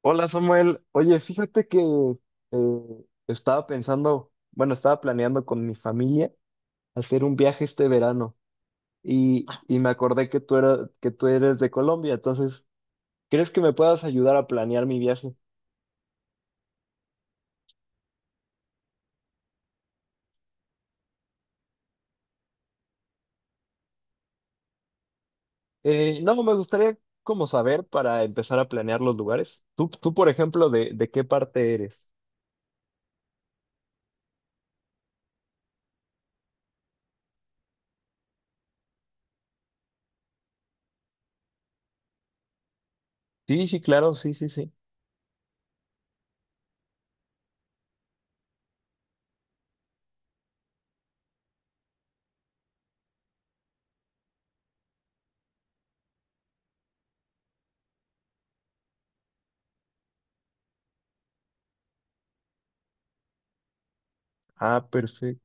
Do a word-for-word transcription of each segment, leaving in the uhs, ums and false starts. Hola Samuel, oye, fíjate que eh, estaba pensando, bueno, estaba planeando con mi familia hacer un viaje este verano y, y me acordé que tú eras, que tú eres de Colombia, entonces, ¿crees que me puedas ayudar a planear mi viaje? Eh, no, me gustaría como saber para empezar a planear los lugares. Tú, tú, por ejemplo, de, ¿de qué parte eres? Sí, sí, claro, sí, sí, sí. Ah, perfecto.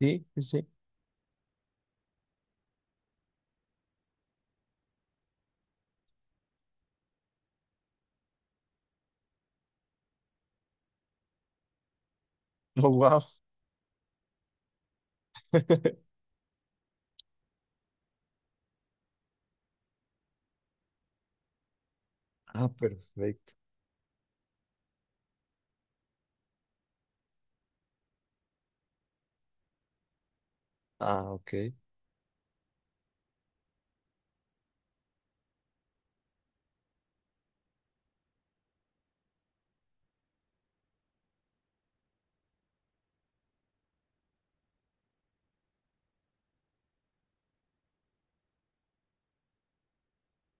Sí, sí, sí. Oh, wow. Ah, perfecto. Ah, ok.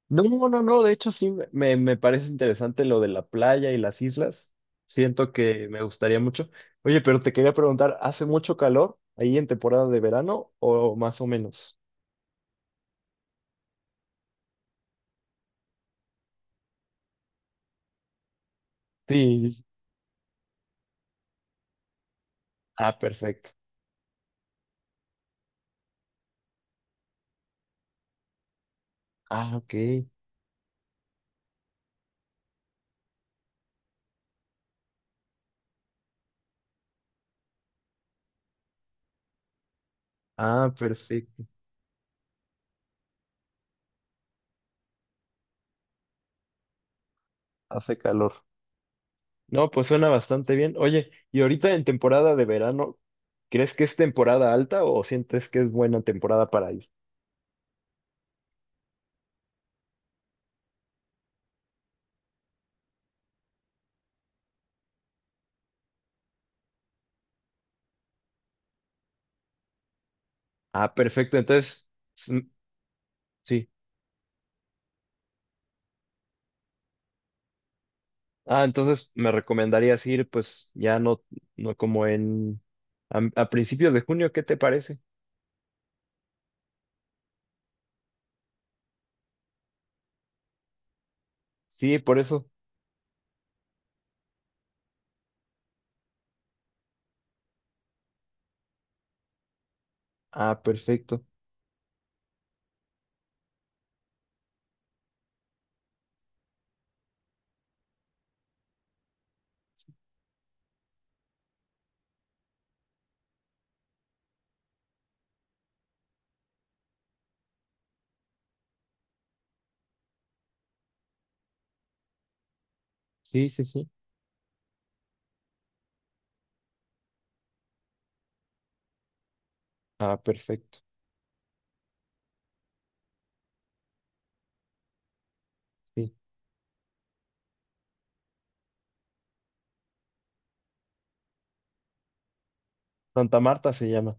No, no, no, de hecho sí, me, me parece interesante lo de la playa y las islas. Siento que me gustaría mucho. Oye, pero te quería preguntar, ¿hace mucho calor ahí en temporada de verano o más o menos? Sí. Ah, perfecto. Ah, ok. Ah, perfecto. Hace calor. No, pues suena bastante bien. Oye, y ahorita en temporada de verano, ¿crees que es temporada alta o sientes que es buena temporada para ir? Ah, perfecto. Entonces, mm, sí. Ah, entonces me recomendarías ir, pues ya no, no como en a, a principios de junio, ¿qué te parece? Sí, por eso. Ah, perfecto. Sí, sí, sí. Ah, perfecto. Sí. Santa Marta se llama.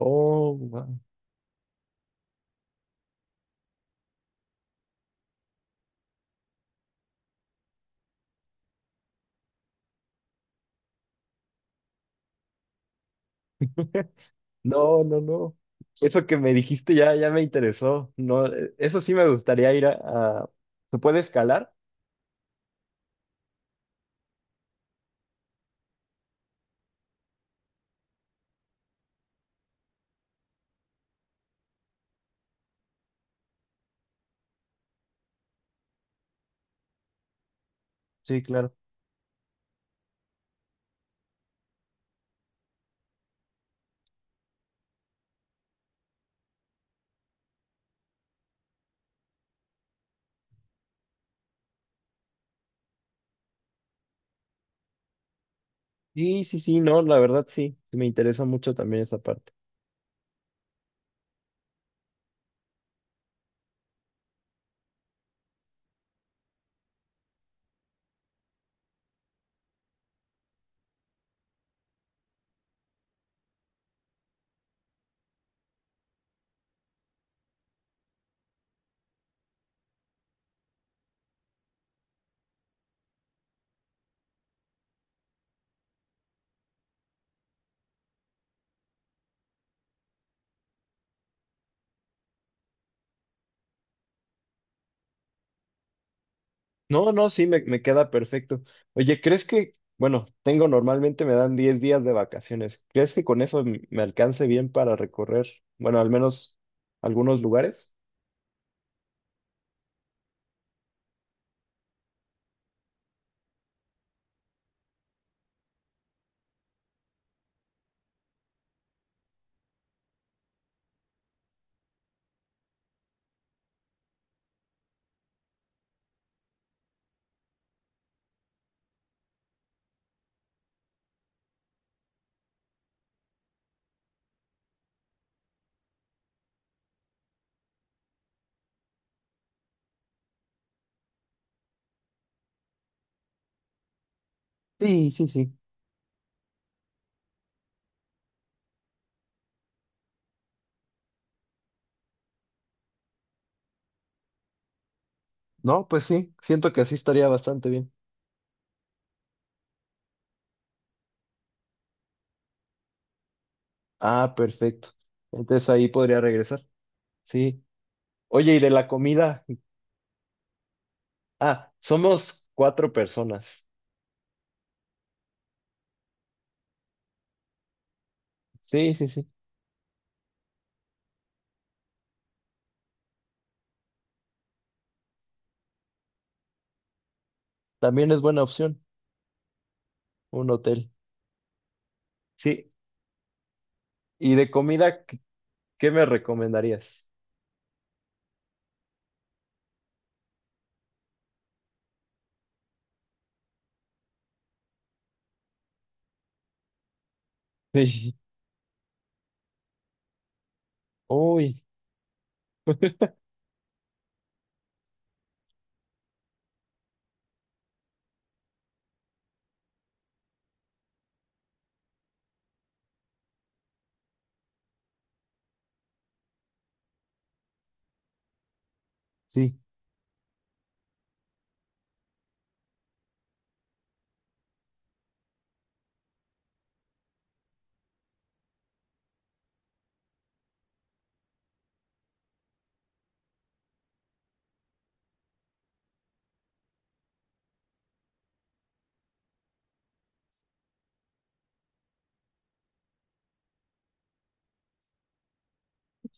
Oh, wow. No, no, no. Eso que me dijiste ya, ya me interesó. No, eh, eso sí me gustaría ir a, a- ¿Se puede escalar? Sí, claro. Sí, sí, sí, no, la verdad sí. Me interesa mucho también esa parte. No, no, sí, me, me queda perfecto. Oye, ¿crees que, bueno, tengo normalmente me dan diez días de vacaciones? ¿Crees que con eso m- me alcance bien para recorrer, bueno, al menos algunos lugares? Sí, sí, sí. No, pues sí, siento que así estaría bastante bien. Ah, perfecto. Entonces ahí podría regresar. Sí. Oye, ¿y de la comida? Ah, somos cuatro personas. Sí, sí, sí. También es buena opción un hotel. Sí. ¿Y de comida, qué, qué me recomendarías? Sí. Uy, sí.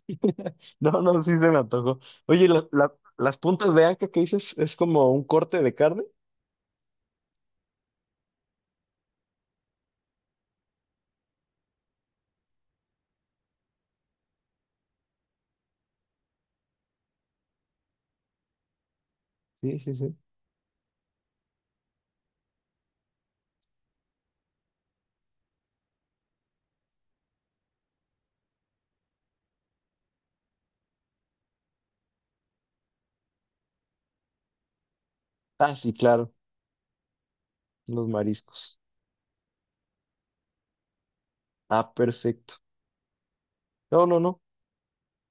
No, no, sí se me antojó. Oye, la- la- las puntas de anca que dices es como un corte de carne. Sí, sí, sí. Ah, sí, claro, los mariscos. Ah, perfecto. No, no, no.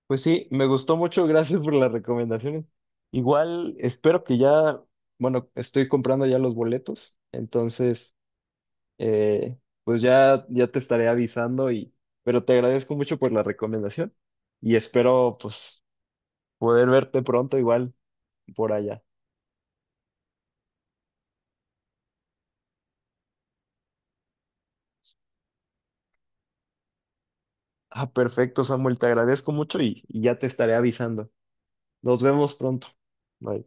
Pues sí, me gustó mucho. Gracias por las recomendaciones. Igual espero que ya, bueno, estoy comprando ya los boletos. Entonces, eh, pues ya, ya te estaré avisando y, pero te agradezco mucho por la recomendación y espero, pues, poder verte pronto igual, por allá. Ah, perfecto, Samuel, te agradezco mucho y, y ya te estaré avisando. Nos vemos pronto. Bye.